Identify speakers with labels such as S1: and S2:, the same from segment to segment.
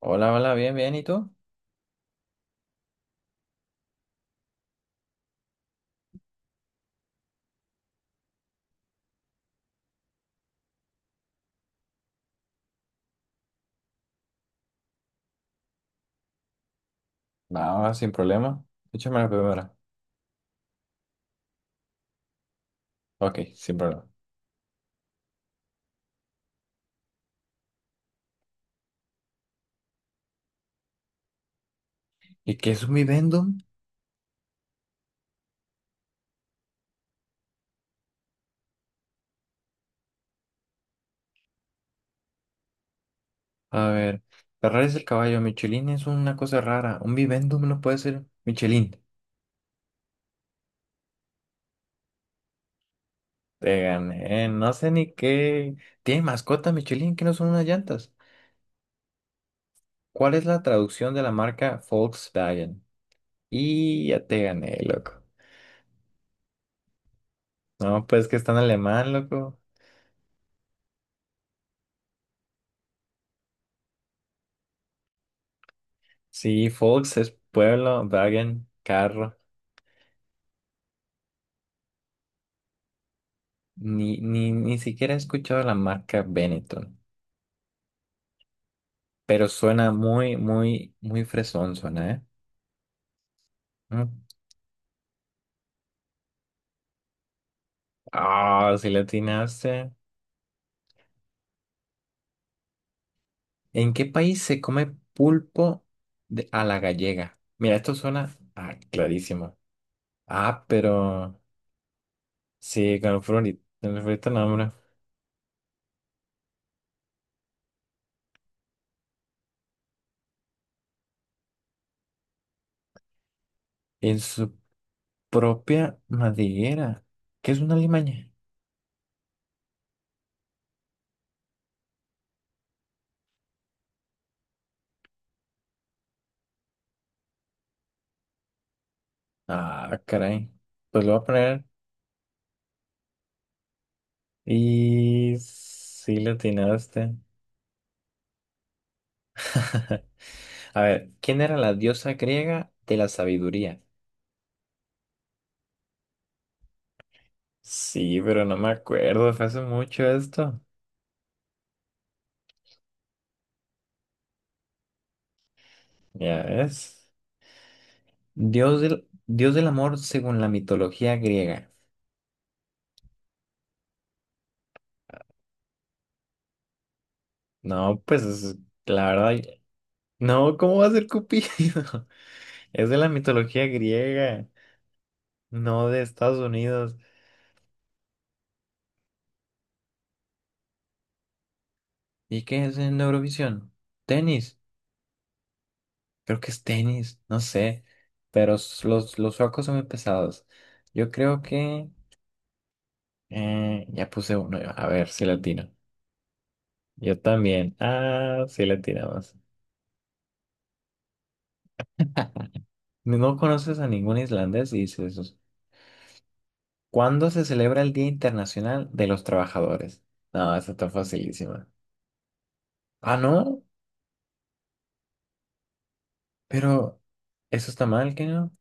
S1: Hola, hola, bien, bien, ¿y tú? Nada, sin problema. Échame la primera. Ok, sin problema. ¿Y qué es un vivendum? A ver, Ferrari es el caballo, Michelin es una cosa rara. Un vivendum no puede ser Michelin. Te gané, no sé ni qué. ¿Tiene mascota Michelin que no son unas llantas? ¿Cuál es la traducción de la marca Volkswagen? Y ya te gané, loco. No, pues que está en alemán, loco. Sí, Volks es pueblo, Wagen, carro. Ni siquiera he escuchado la marca Benetton, pero suena muy, muy, muy fresón, suena, ¿eh? Mm. Ah, si le atinaste. ¿En qué país se come pulpo a la gallega? Mira, esto suena ah, clarísimo. Ah, pero sí, con el florito nombre. En su propia madriguera. ¿Qué es una limaña? Ah, caray. Pues lo voy a poner y sí le atinaste. A ver, ¿quién era la diosa griega de la sabiduría? Sí, pero no me acuerdo, fue hace mucho esto. Ya ves. Dios del amor según la mitología griega. No, pues la verdad, no, ¿cómo va a ser Cupido? Es de la mitología griega, no de Estados Unidos. ¿Y qué es en Eurovisión? Tenis, creo que es tenis, no sé, pero los suecos son muy pesados. Yo creo que... ya puse uno yo. A ver si latino. Yo también. Ah, sí latinamos. No conoces a ningún islandés y dices eso. ¿Cuándo se celebra el Día Internacional de los Trabajadores? No, esta está facilísima. Ah, no, pero eso está mal, ¿qué no?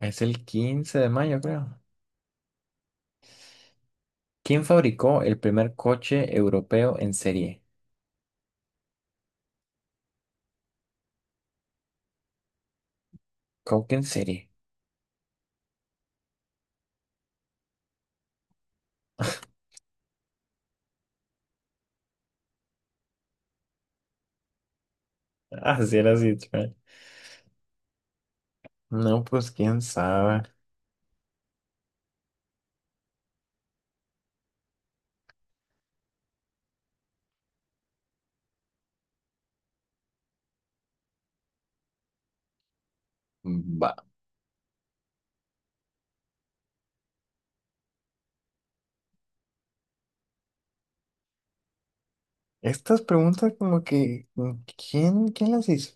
S1: Es el 15 de mayo, creo. ¿Quién fabricó el primer coche europeo en serie? ¿Cómo que en serie? Así era así. No, pues quién sabe. Va. Estas preguntas como que, ¿quién las hizo?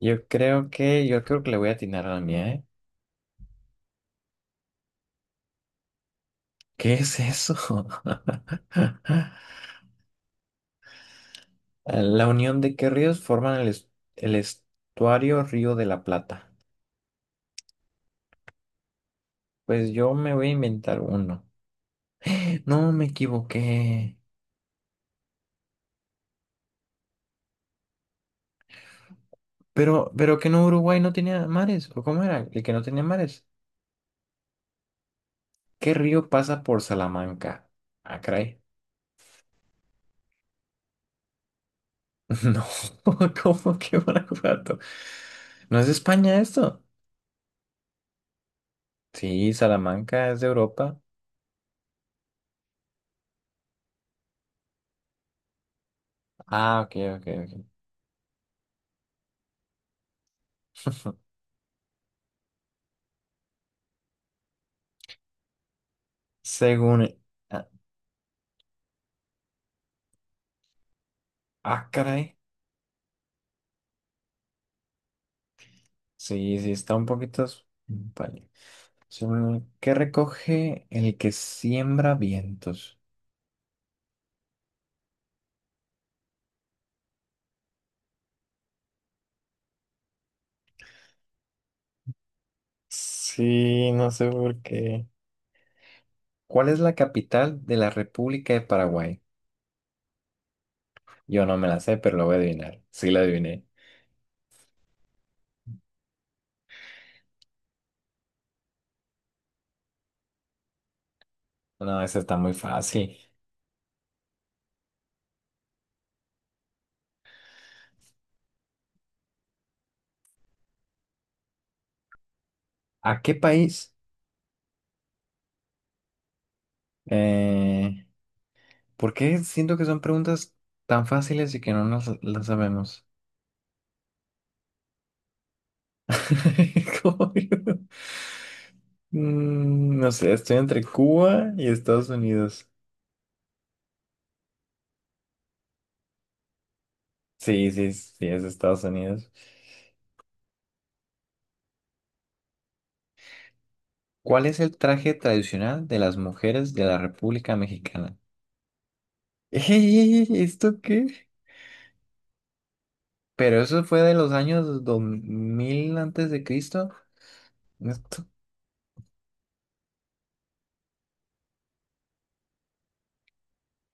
S1: Yo creo que le voy a atinar a la mía, ¿eh? ¿Qué es eso? La unión de qué ríos forman el, el estuario Río de la Plata. Pues yo me voy a inventar uno. No, me equivoqué. Pero que no, Uruguay no tenía mares. ¿O cómo era? El que no tenía mares. ¿Qué río pasa por Salamanca? Ah, caray. No, ¿cómo que Guanajuato? ¿No es España esto? Sí, Salamanca es de Europa. Ah, ok, ok, ok. Según... Ah, ah, caray. Sí, sí, está un poquito... Vale. ¿Qué recoge el que siembra vientos? Sí, no sé por qué. ¿Cuál es la capital de la República de Paraguay? Yo no me la sé, pero lo voy a adivinar. Sí, la adiviné. No, esa está muy fácil. ¿A qué país? Eh, ¿Por qué siento que son preguntas tan fáciles y que no nos las sabemos? Como yo. Mm, no sé, estoy entre Cuba y Estados Unidos. Sí, sí, sí, es Estados Unidos. ¿Cuál es el traje tradicional de las mujeres de la República Mexicana? ¡Ey! ¿Esto qué? Pero eso fue de los años 2000 antes de Cristo. Esto-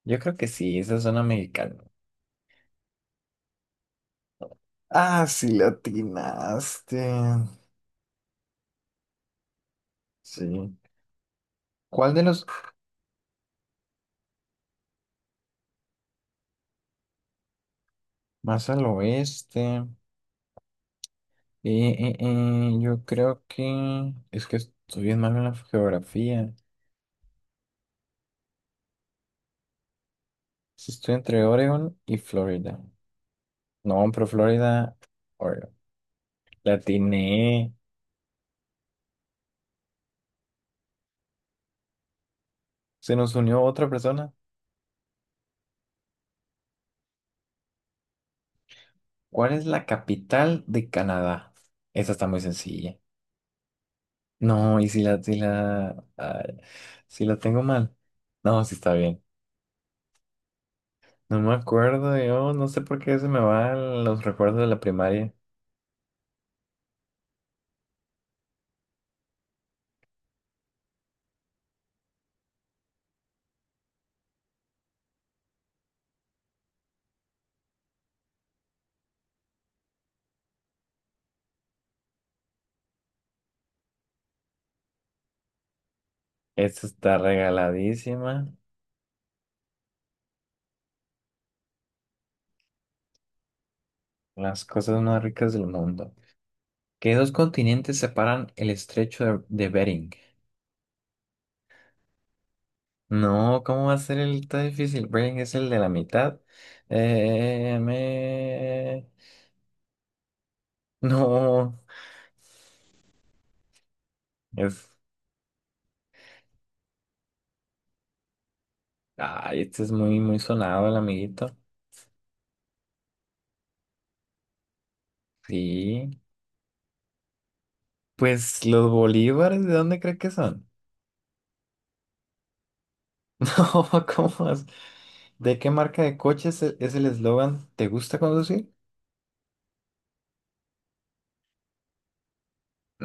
S1: Yo creo que sí, esa zona mexicana. Ah, sí, latinaste. Sí. ¿Cuál de los más al oeste? Yo creo que es que estoy bien malo en la geografía. Sí, estoy entre Oregon y Florida. No, pero Florida, Oregon. La atiné. Se nos unió otra persona. ¿Cuál es la capital de Canadá? Esa está muy sencilla. No, y si la, si la, ay, si la tengo mal. No, sí está bien. No me acuerdo, yo no sé por qué se me van los recuerdos de la primaria. Esta está regaladísima. Las cosas más ricas del mundo. ¿Qué dos continentes separan el estrecho de Bering? No, ¿cómo va a ser el tan difícil? Bering es el de la mitad. Eh, me... No, es... Ay, este es muy, muy sonado, el amiguito. Sí. Pues los bolívares, ¿de dónde cree que son? No, ¿cómo vas? ¿De qué marca de coches es el eslogan? ¿Te gusta conducir?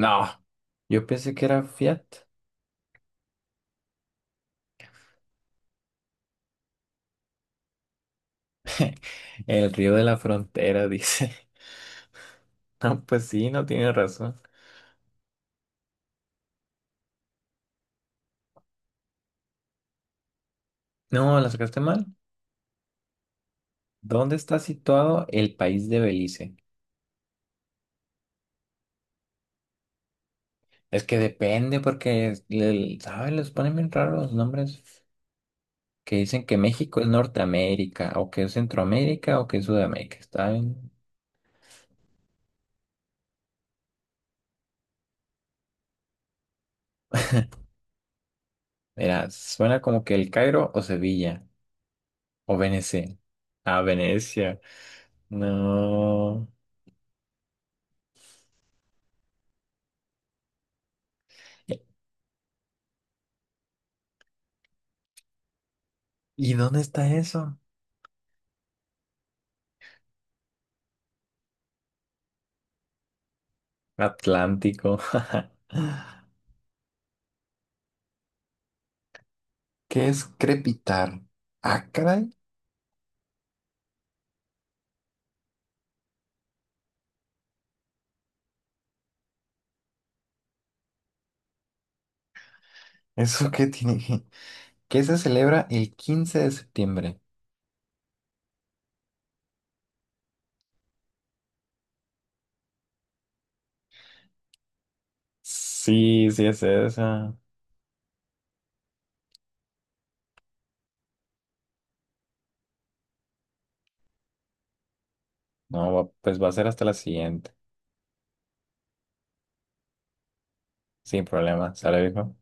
S1: No, yo pensé que era Fiat. El río de la frontera, dice. No, pues sí, no tiene razón. No, la sacaste mal. ¿Dónde está situado el país de Belice? Es que depende porque, ¿sabes? Les ponen bien raros los nombres que dicen que México es Norteamérica o que es Centroamérica o que es Sudamérica. Está bien. Mira, suena como que el Cairo o Sevilla o Venecia. Ah, Venecia. No. ¿Y dónde está eso? Atlántico. ¿Qué es crepitar? ¿Acra? ¿Eso qué tiene? ¿Qué se celebra el 15 de septiembre? Sí, sí es esa. No, pues va a ser hasta la siguiente. Sin problema, ¿sale, viejo?